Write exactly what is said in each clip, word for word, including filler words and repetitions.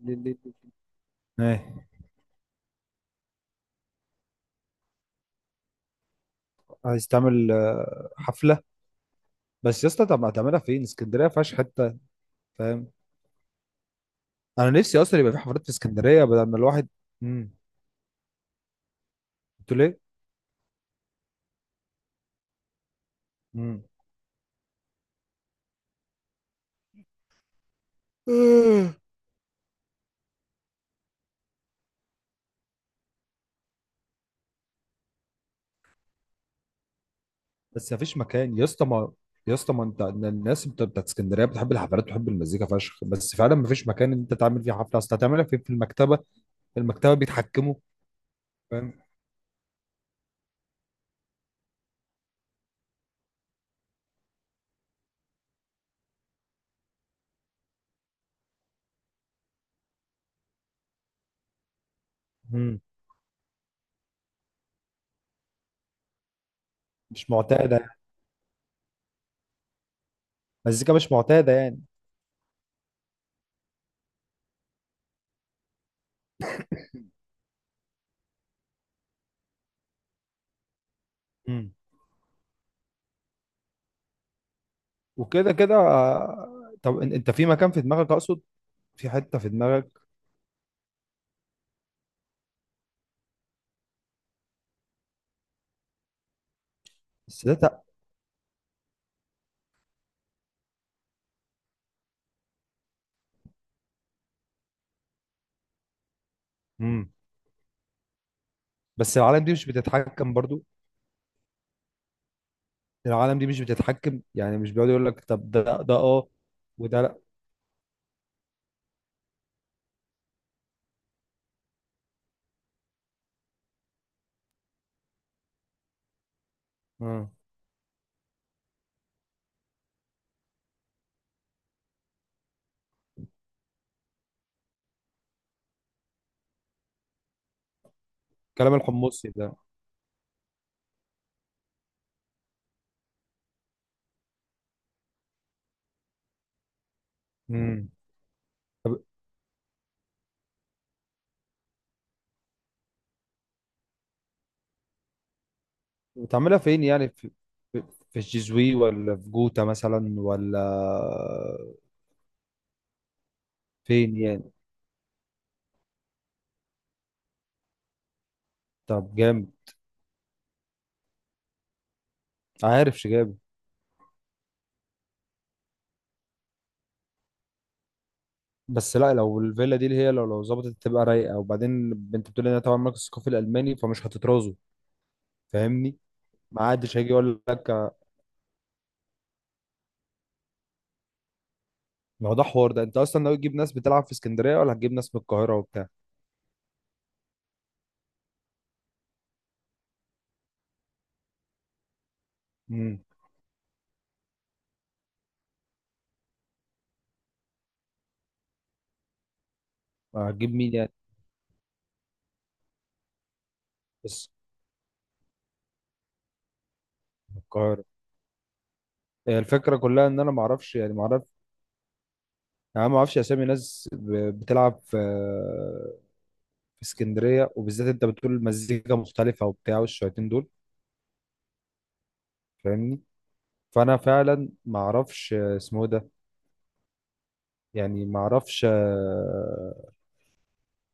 ليه- ايه؟ عايز تعمل آه، حفله؟ بس يا اسطى، طب ما هتعملها فين؟ اسكندريه ما فيهاش حته. فاهم. انا نفسي اصلا يبقى في حفلات في اسكندريه بدل ما الواحد. امم قلت له ليه. امم بس ما فيش مكان يا اسطى، ما يا اسطى ما انت الناس بتا- بتاعت اسكندريه بتحب الحفلات وتحب المزيكا فشخ، بس فعلا ما فيش مكان انت تعمل فيه حفله. اصل هتعملها فين؟ في المكتبه؟ المكتبه بيتحكموا. فاهم. امم مش معتاده يعني. مزيكا مش معتاده يعني. امم وكده كده. آه، طب ان- انت في مكان في دماغك؟ اقصد في حته في دماغك؟ بس ده تق- مم. بس العالم دي مش بتتحكم برضو؟ العالم دي مش بتتحكم يعني، مش بيقعد يقول لك طب ده ده اه وده لا؟ مم. كلام الحمصي ده. مم. طب بتعملها فين يعني؟ في في في الجيزوي ولا في جوتا مثلا ولا؟ فين يعني؟ طب جامد. عارف شجاب؟ بس لا، لو الفيلا دي اللي هي، لو لو ظبطت تبقى رايقه، وبعدين انت بتقول انها طبعا مركز ثقافي الالماني، فمش هتترازوا. فاهمني. ما عادش هيجي يقول لك. ما هو ده حوار. ده انت اصلا ناوي تجيب ناس بتلعب في اسكندريه ولا هتجيب ناس من القاهره وبتاع؟ امم هتجيب مين يعني؟ بس من القاهره؟ هي الفكره كلها ان انا ما اعرفش يعني، ما اعرف يعني. أنا ما اعرفش اسامي ناس ب- بتلعب في في اسكندريه، وبالذات انت بتقول المزيكا مختلفه وبتاع والشويتين دول. فاهمني. فانا فعلا ما اعرفش اسمه إيه ده، يعني ما اعرفش،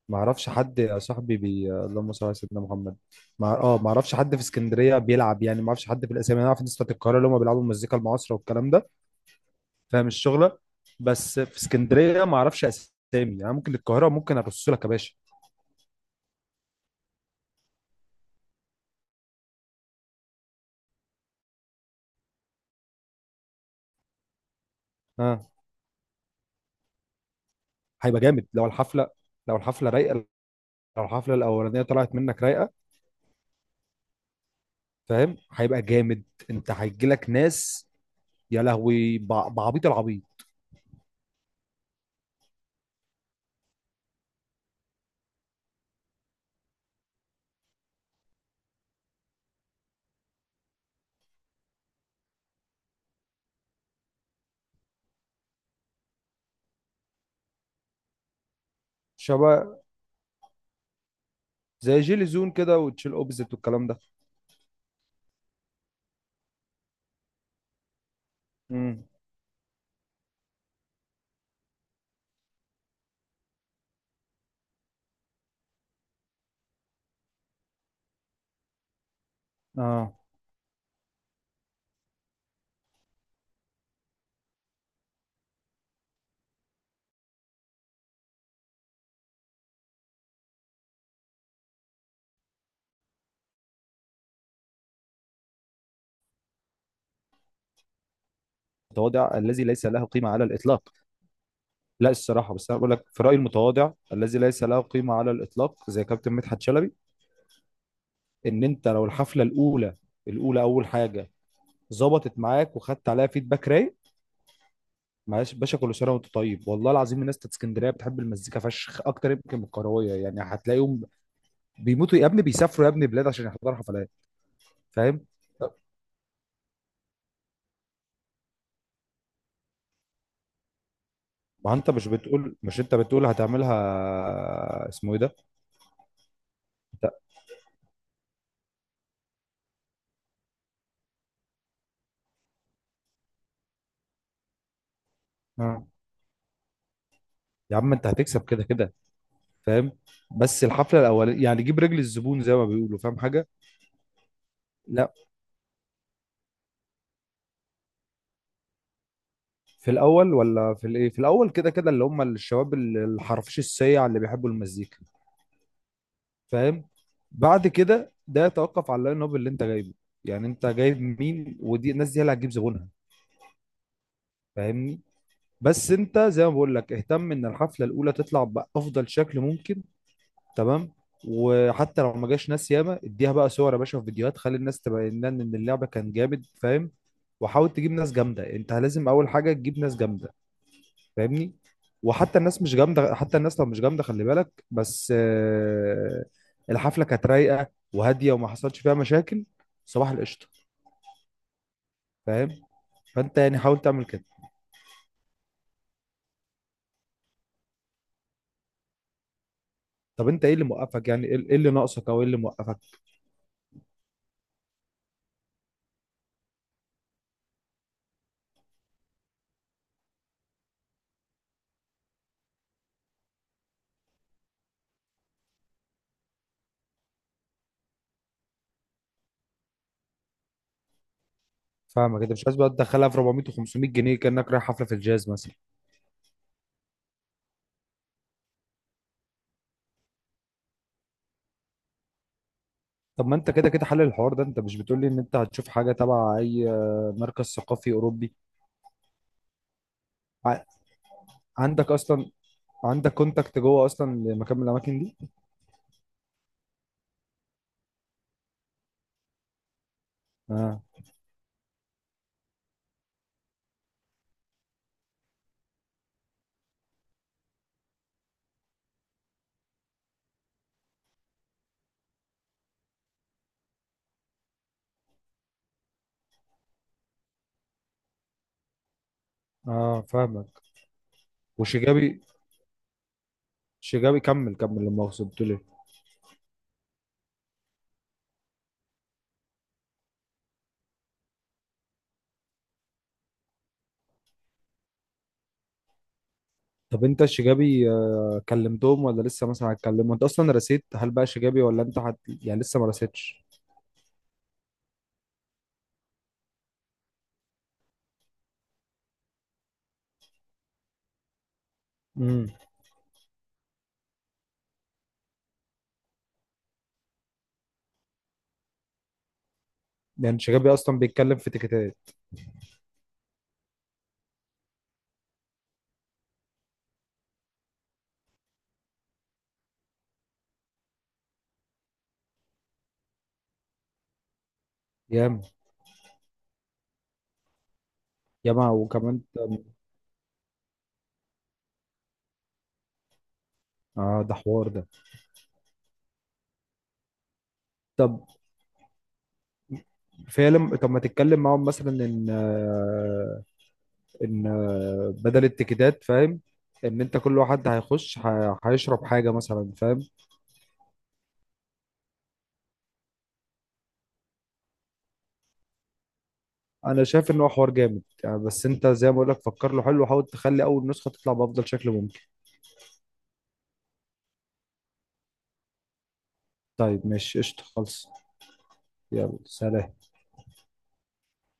ما اعرفش حد يا صاحبي بي... اللهم صل على سيدنا محمد. ما اه ما اعرفش حد في اسكندريه بيلعب، يعني ما اعرفش حد في الاسامي. انا اعرف ناس بتاعت القاهره، اللي هم بيلعبوا المزيكا المعاصره والكلام ده. فاهم الشغله. بس في اسكندريه ما اعرفش اسامي. يعني ممكن القاهره ممكن ارص لك يا باشا. اه هيبقى جامد لو الحفله، لو الحفله رايقه، لو الحفله الاولانيه طلعت منك رايقه. فاهم، هيبقى جامد. انت هيجي لك ناس يا لهوي، بع- بعبيط العبيط. شباب زي جيلي زون كده وتشيل اوبزيت والكلام ده. امم اه المتواضع الذي ليس له قيمة على الإطلاق. لا الصراحة، بس أنا بقول لك في رأيي المتواضع الذي ليس له قيمة على الإطلاق زي كابتن مدحت شلبي، إن أنت لو الحفلة الأولى، الأولى، أول حاجة، ظبطت معاك وخدت عليها فيدباك رايق. معلش باشا، كل سنة وأنت طيب، والله العظيم الناس بتاعت اسكندرية بتحب المزيكا فشخ، أكتر يمكن من الكروية. يعني هتلاقيهم بيموتوا يا ابني، بيسافروا يا ابني بلاد عشان يحضروا حفلات. فاهم. ما انت مش بتقول، مش انت بتقول هتعملها اسمه ايه ده؟ لا. آه. يا عم انت هتكسب كده كده. فاهم. بس الحفله الاولانيه يعني جيب رجل الزبون زي ما بيقولوا. فاهم حاجه؟ لا في الاول ولا في الايه. في الاول كده كده اللي هم الشباب ال- الحرفيش السيع اللي بيحبوا المزيكا. فاهم. بعد كده ده يتوقف على اللاين اب اللي انت جايبه. يعني انت جايب مين، ودي الناس دي هي اللي هتجيب زبونها. فاهمني. بس انت زي ما بقول لك، اهتم ان الحفله الاولى تطلع بافضل شكل ممكن، تمام؟ وحتى لو ما جاش ناس ياما، اديها بقى صور يا باشا، في فيديوهات، خلي الناس تبين لنا ان اللعبه كان جامد. فاهم. وحاول تجيب ناس جامده، انت لازم اول حاجه تجيب ناس جامده. فاهمني. وحتى الناس مش جامده، حتى الناس لو مش جامده، خلي بالك بس آه، الحفله كانت رايقه وهاديه وما حصلش فيها مشاكل، صباح القشطه. فاهم. فانت يعني حاول تعمل كده. طب انت ايه اللي موقفك يعني، ايه إيه اللي ناقصك، او ايه اللي موقفك؟ فاهمك، انت مش عايز بقى تدخلها في أربعمئة و500 جنيه كانك رايح حفله في الجاز مثلا. طب ما انت كده كده حل الحوار ده، انت مش بتقولي ان انت هتشوف حاجه تبع اي آه، مركز ثقافي اوروبي؟ ع- عندك اصلا، عندك كونتاكت جوه اصلا لمكان من الاماكن دي؟ اه. اه فاهمك. وشجابي، شجابي كمل كمل، لما اقصد بتقول ايه؟ طب انت شجابي آه، كلمتهم ولا لسه مثلا هتكلمهم؟ انت اصلا رسيت هل بقى شجابي، ولا انت هت... يعني لسه ما رسيتش؟ امم يعني شجابي اصلا بيتكلم في تيكيتات؟ ياما. ياما وكمان. اه ده حوار. ده طب فعلا، طب ما تتكلم معاهم مثلا ان آه، ان آه، بدل التيكيتات، فاهم، ان انت كل واحد هيخش ه- هيشرب حاجه مثلا، فاهم؟ انا شايف ان هو حوار جامد يعني، بس انت زي ما بقول لك فكر له حلو وحاول تخلي اول نسخه تطلع بافضل شكل ممكن. طيب ماشي، قشطه، خلص. يلا سلام.